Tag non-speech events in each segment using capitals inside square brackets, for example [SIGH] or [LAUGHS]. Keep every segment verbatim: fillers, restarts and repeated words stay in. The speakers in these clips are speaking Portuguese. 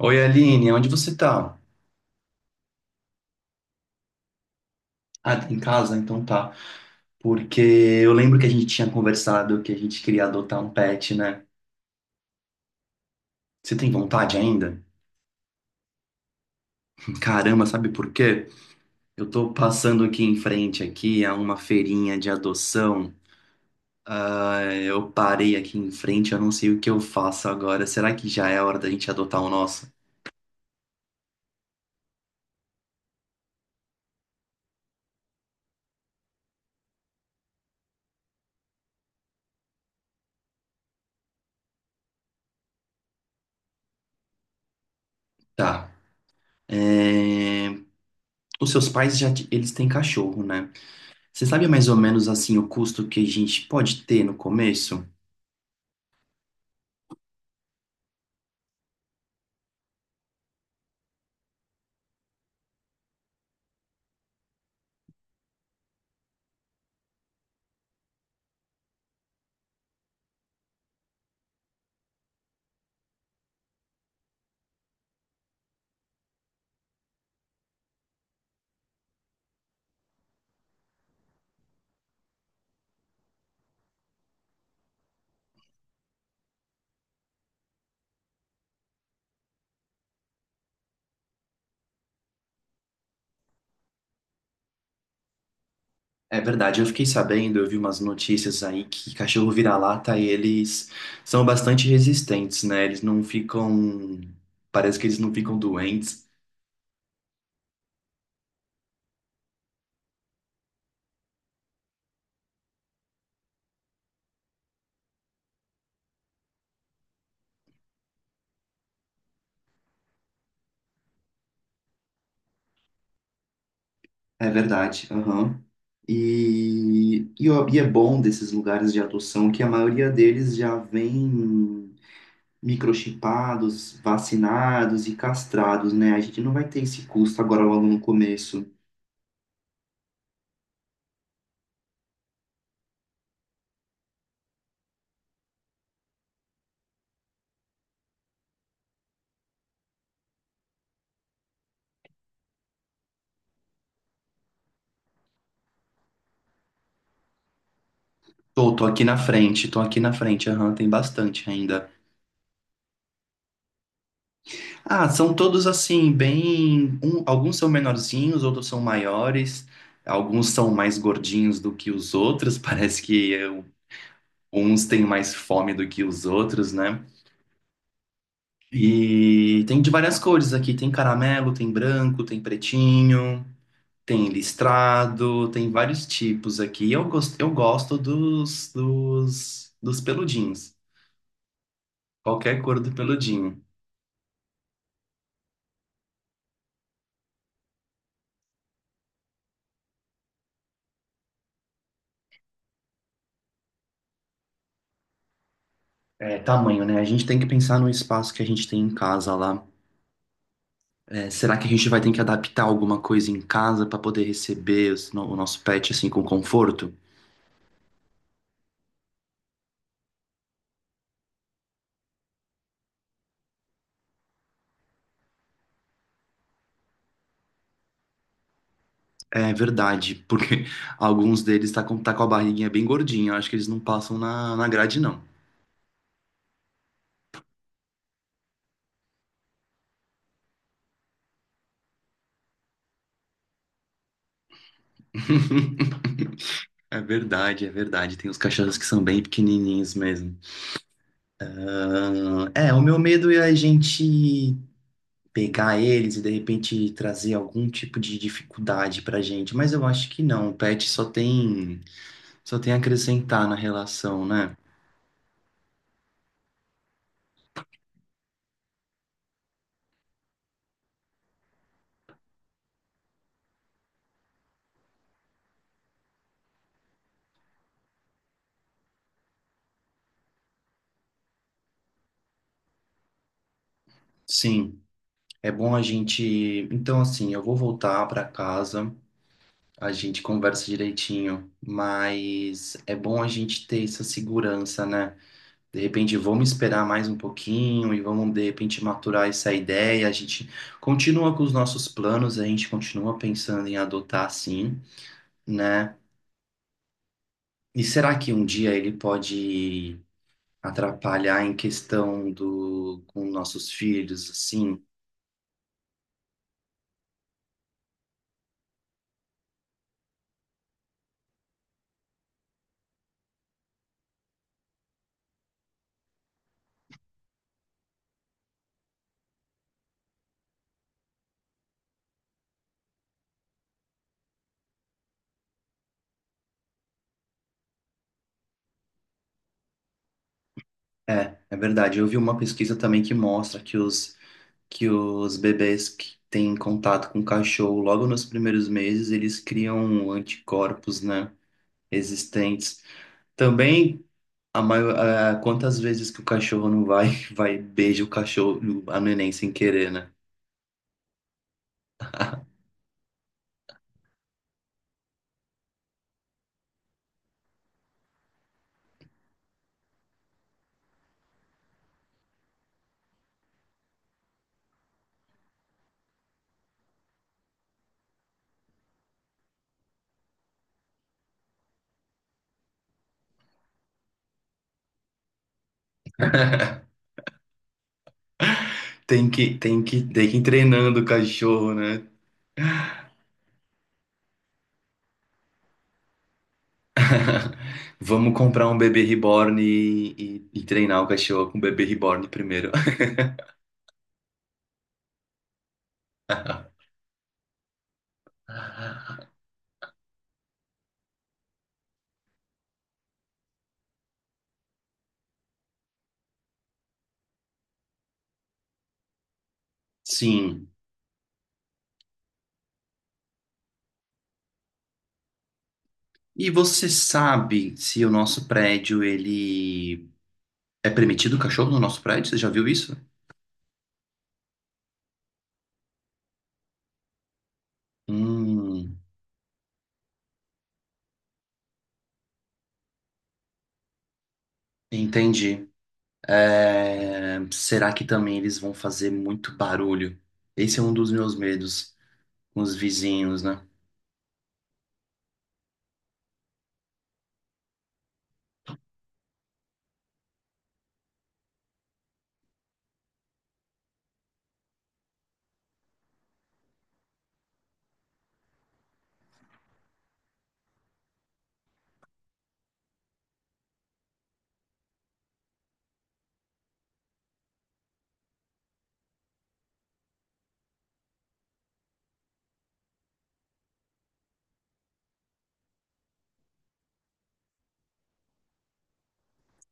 Oi, Aline, onde você tá? Ah, tá em casa? Então tá. Porque eu lembro que a gente tinha conversado que a gente queria adotar um pet, né? Você tem vontade ainda? Caramba, sabe por quê? Eu tô passando aqui em frente aqui a uma feirinha de adoção. É, Eu parei aqui em frente, eu não sei o que eu faço agora. Será que já é a hora da gente adotar o nosso? Tá. É, os seus pais já t- eles têm cachorro, né? Você sabe mais ou menos assim o custo que a gente pode ter no começo? É verdade, eu fiquei sabendo, eu vi umas notícias aí que cachorro vira-lata, eles são bastante resistentes, né? Eles não ficam. Parece que eles não ficam doentes. É verdade, aham. E, e, ó, e é bom desses lugares de adoção que a maioria deles já vem microchipados, vacinados e castrados, né? A gente não vai ter esse custo agora logo no começo. Tô, tô aqui na frente, tô aqui na frente, aham, tem bastante ainda. Ah, são todos assim, bem. Um- alguns são menorzinhos, outros são maiores, alguns são mais gordinhos do que os outros, [LAUGHS] parece que eh, uns têm mais fome do que os outros, né? E tem de várias cores aqui: tem caramelo, tem branco, tem pretinho, tem listrado, tem vários tipos aqui. Eu gosto, eu gosto dos, dos, dos peludinhos, qualquer cor do peludinho. É, tamanho, né? A gente tem que pensar no espaço que a gente tem em casa lá. É, será que a gente vai ter que adaptar alguma coisa em casa para poder receber os no- o nosso pet assim com conforto? É verdade, porque [LAUGHS] alguns deles tá com, tá com a barriguinha bem gordinha. Eu acho que eles não passam na, na grade, não. [LAUGHS] É verdade, é verdade. Tem os cachorros que são bem pequenininhos mesmo. Ah, é, o meu medo é a gente pegar eles e de repente trazer algum tipo de dificuldade pra gente, mas eu acho que não. O pet só tem só tem a acrescentar na relação, né? Sim. É bom a gente. Então, assim, eu vou voltar para casa, a gente conversa direitinho, mas é bom a gente ter essa segurança, né? De repente, vamos esperar mais um pouquinho e vamos, de repente, maturar essa ideia. A gente continua com os nossos planos, a gente continua pensando em adotar, sim, né? E será que um dia ele pode atrapalhar em questão do com nossos filhos, assim? É, é verdade. Eu vi uma pesquisa também que mostra que os que os bebês que têm contato com cachorro logo nos primeiros meses, eles criam anticorpos, né, existentes. Também a maior, a- quantas vezes que o cachorro não vai [LAUGHS] vai e beija o cachorro, a neném sem querer, né? Tem que tem que tem que ir treinando o cachorro, né? [LAUGHS] Vamos comprar um bebê reborn e, e, e treinar o cachorro com o bebê reborn primeiro. [LAUGHS] Sim. E você sabe se o nosso prédio ele é permitido o cachorro no nosso prédio? Você já viu isso? Hum, entendi. É, será que também eles vão fazer muito barulho? Esse é um dos meus medos com os vizinhos, né?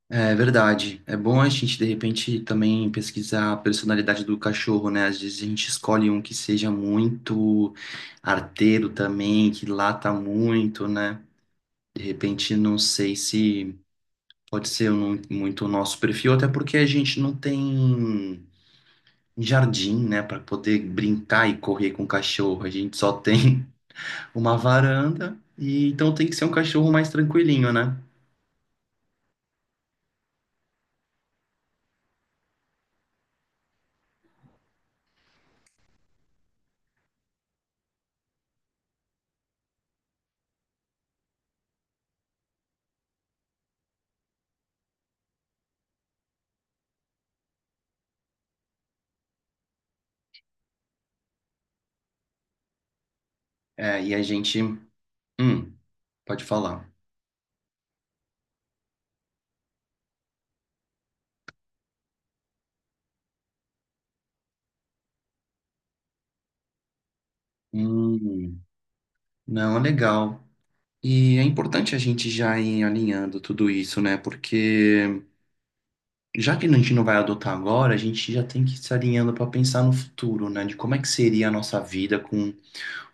É verdade. É bom a gente, de repente, também pesquisar a personalidade do cachorro, né? Às vezes a gente escolhe um que seja muito arteiro também, que lata muito, né? De repente, não sei se pode ser um- muito o nosso perfil, até porque a gente não tem. Em jardim, né, para poder brincar e correr com o cachorro. A gente só tem [LAUGHS] uma varanda e então tem que ser um cachorro mais tranquilinho, né? É, e a gente, hum, pode falar. Hum, não, é legal. E é importante a gente já ir alinhando tudo isso, né? Porque já que a gente não vai adotar agora, a gente já tem que se alinhando para pensar no futuro, né? De como é que seria a nossa vida com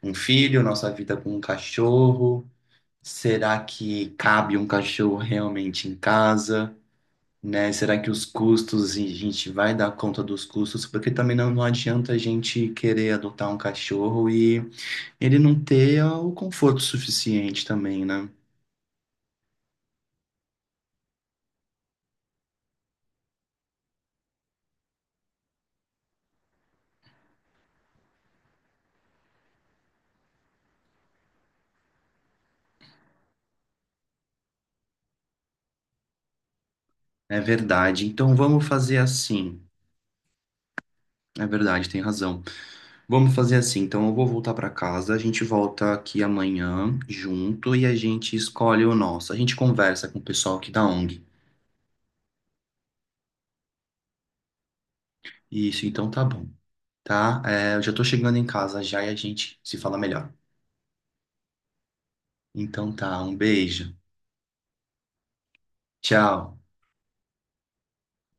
um filho, nossa vida com um cachorro. Será que cabe um cachorro realmente em casa, né? Será que os custos, a gente vai dar conta dos custos? Porque também não, não adianta a gente querer adotar um cachorro e ele não ter o conforto suficiente também, né? É verdade. Então vamos fazer assim. É verdade, tem razão. Vamos fazer assim. Então eu vou voltar para casa, a gente volta aqui amanhã junto e a gente escolhe o nosso. A gente conversa com o pessoal aqui da O N G. Isso, então tá bom. Tá? É, eu já tô chegando em casa já e a gente se fala melhor. Então tá, um beijo. Tchau.